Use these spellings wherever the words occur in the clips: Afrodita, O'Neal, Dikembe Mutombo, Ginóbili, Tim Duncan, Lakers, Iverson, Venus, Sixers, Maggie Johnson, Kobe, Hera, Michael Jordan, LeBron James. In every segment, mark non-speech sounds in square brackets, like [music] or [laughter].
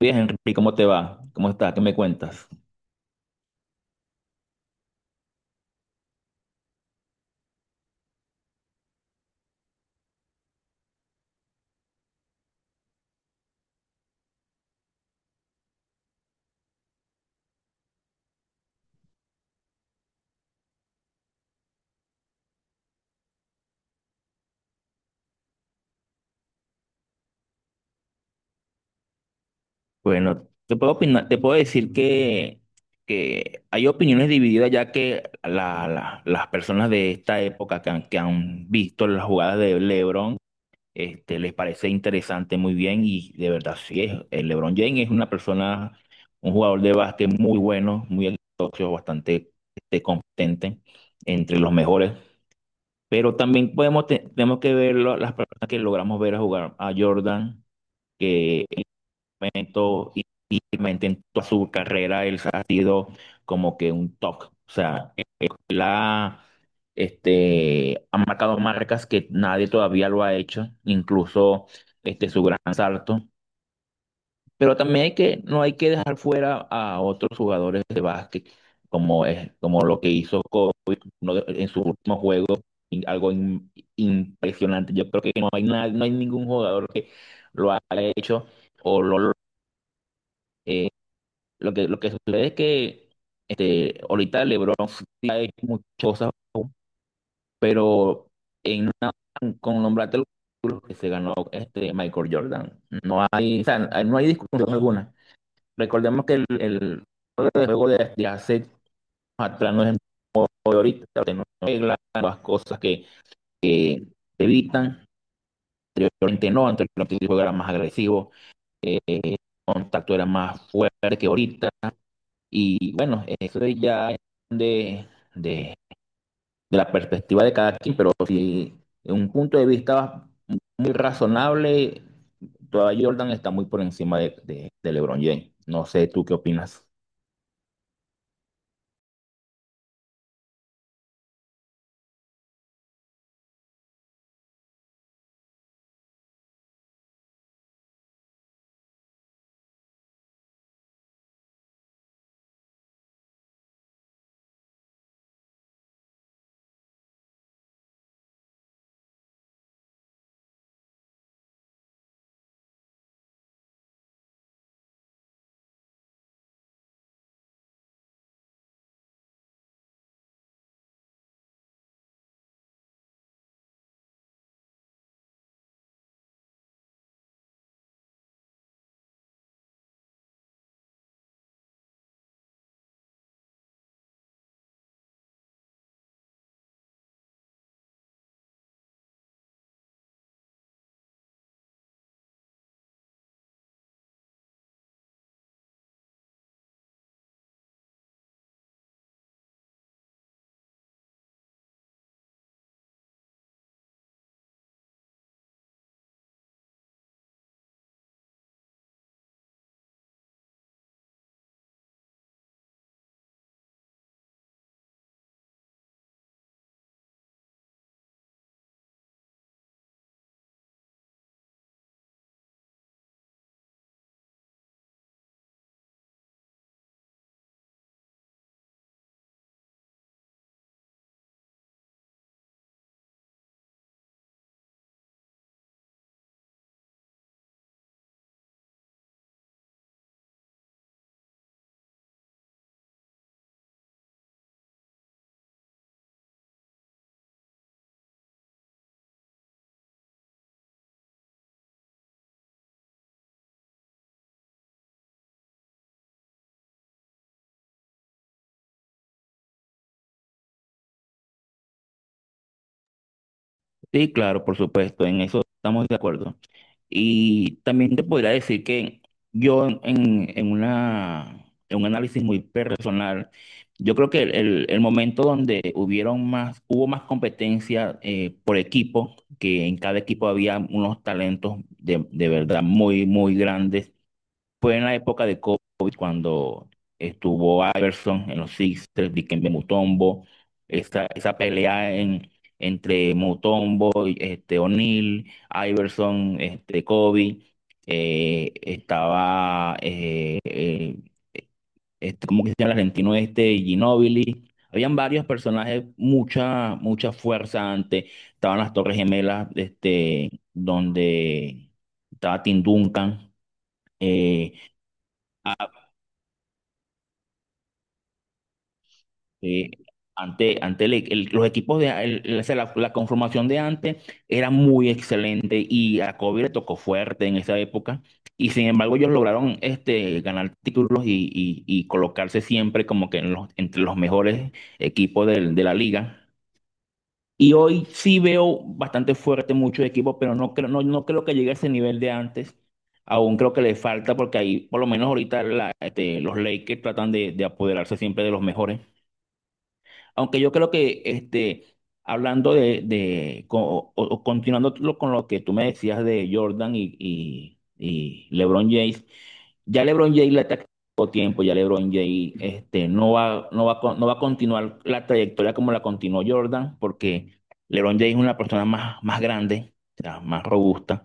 Bien, Henry, ¿cómo te va? ¿Cómo estás? ¿Qué me cuentas? Bueno, te puedo opinar, te puedo decir que hay opiniones divididas ya que las personas de esta época que han visto las jugadas de LeBron, les parece interesante, muy bien, y de verdad sí es. El LeBron James es una persona, un jugador de básquet muy bueno, muy exitoso, bastante, competente, entre los mejores. Pero también podemos tenemos que ver las personas que logramos ver a jugar a Jordan, que en un momento y realmente en toda su carrera él ha sido como que un top. O sea, él ha, ha marcado marcas que nadie todavía lo ha hecho, incluso, su gran salto. Pero también hay no hay que dejar fuera a otros jugadores de básquet, como, es, como lo que hizo con en su último juego, y algo impresionante. Yo creo que no hay, no hay ningún jugador que lo haya hecho o lo, eh, lo que, lo que sucede es que, ahorita LeBron sí ha hecho muchas cosas, pero en una- con nombrarte los títulos que se ganó este Michael Jordan, no hay, o sea, no hay discusión alguna. Recordemos que el juego de hace atrás no es el juego de ahorita, no reglas, nuevas cosas que te evitan. Anteriormente no, anteriormente el juego era más agresivo, eh, contacto era más fuerte que ahorita. Y bueno, eso es ya de, de, de la perspectiva de cada quien, pero si en un punto de vista muy razonable, todavía Jordan está muy por encima de LeBron James. No sé tú qué opinas. Sí, claro, por supuesto, en eso estamos de acuerdo. Y también te podría decir que yo en una, en un análisis muy personal, yo creo que el momento donde hubieron más, hubo más competencia, por equipo, que en cada equipo había unos talentos de verdad muy, muy grandes, fue en la época de COVID, cuando estuvo Iverson en los Sixers, Dikembe Mutombo, esa pelea en, entre Mutombo y, O'Neal, Iverson, Kobe, eh, estaba, eh, eh, ¿cómo que se llama el argentino este? Ginóbili. Habían varios personajes, mucha, mucha fuerza antes. Estaban las Torres Gemelas, donde estaba Tim Duncan. eh, Sí, ante, ante los equipos de o sea, la conformación de antes era muy excelente, y a Kobe le tocó fuerte en esa época, y sin embargo ellos lograron, ganar títulos y, y colocarse siempre como que en entre los mejores equipos de la liga. Y hoy sí veo bastante fuerte muchos equipos, pero no creo, no, no creo que llegue a ese nivel de antes. Aún creo que le falta, porque ahí, por lo menos ahorita, los Lakers tratan de apoderarse siempre de los mejores. Aunque yo creo que, hablando de co- o continuando con lo que tú me decías de Jordan y, y LeBron James, ya LeBron James le está quitando tiempo, ya LeBron James, no va, no va, a no va a continuar la trayectoria como la continuó Jordan, porque LeBron James es una persona más, más grande, o sea, más robusta,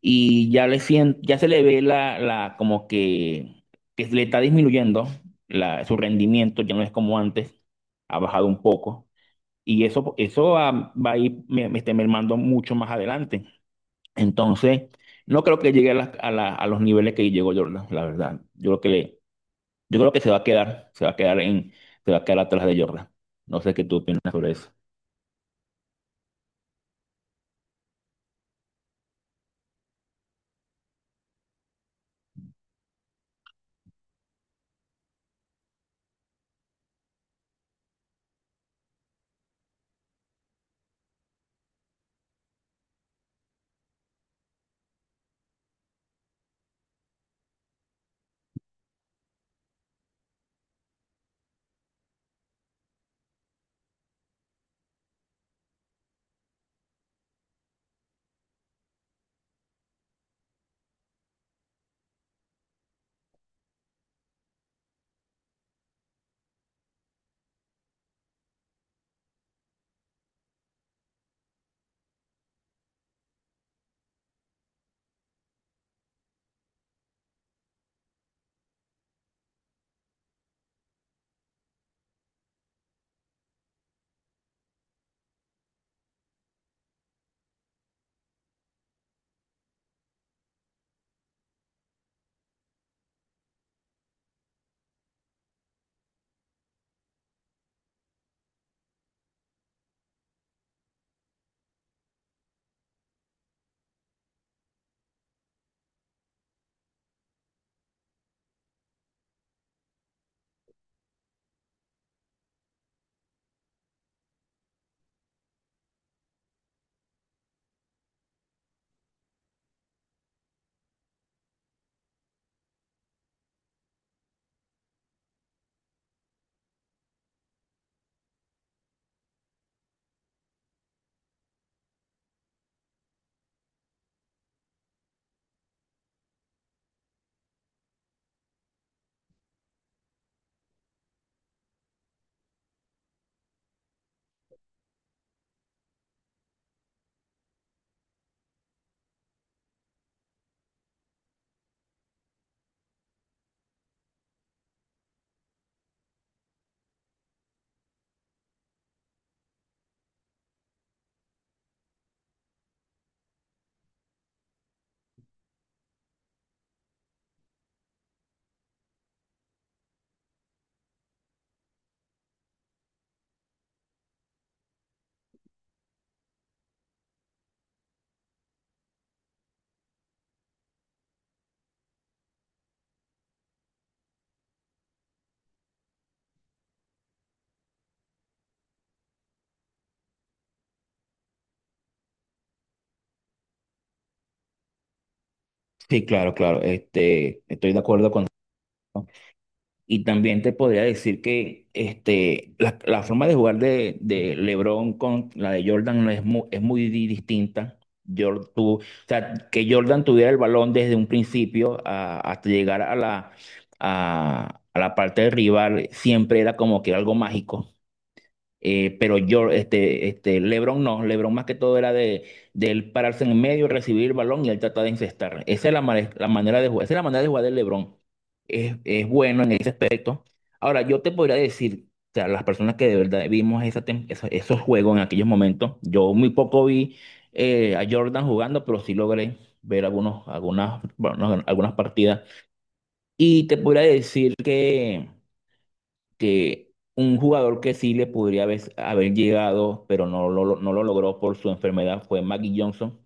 y ya le ya se le ve la como que le está disminuyendo su rendimiento, ya no es como antes, ha bajado un poco, y eso va, va a ir me, me está mermando mucho más adelante. Entonces, no creo que llegue a, a a los niveles que llegó Jordan, la verdad. Yo creo que le, yo creo que se va a quedar, se va a quedar en, se va a quedar atrás de Jordan. No sé qué tú opinas sobre eso. Sí, claro, claro. Estoy de acuerdo con. Y también te podría decir que, la forma de jugar de LeBron con la de Jordan no es muy, es muy distinta. O sea, que Jordan tuviera el balón desde un principio hasta llegar a a la parte del rival, siempre era como que algo mágico. Pero yo, LeBron no, LeBron más que todo era de él pararse en medio, recibir el balón y él tratar de incestar. Esa es la manera de jugar, esa es la manera de jugar de LeBron. Es bueno en ese aspecto. Ahora, yo te podría decir, o sea, las personas que de verdad vimos esa esos juegos en aquellos momentos, yo muy poco vi, a Jordan jugando, pero sí logré ver algunos, algunas, bueno, no, algunas partidas. Y te podría decir que un jugador que sí le podría haber, haber llegado, pero no lo, no lo logró por su enfermedad, fue Maggie Johnson.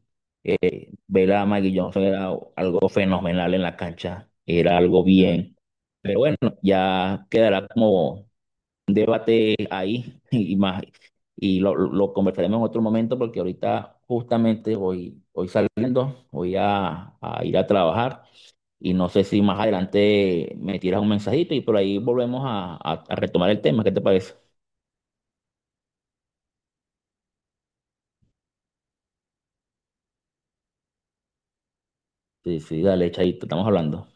Ver a Maggie Johnson era algo fenomenal en la cancha, era algo bien. Pero bueno, ya quedará como un debate ahí [laughs] y más. Y lo conversaremos en otro momento, porque ahorita justamente hoy, hoy saliendo, voy a ir a trabajar, y no sé si más adelante me tiras un mensajito y por ahí volvemos a, a retomar el tema. ¿Qué te parece? Sí, sí, dale, chaito, estamos hablando.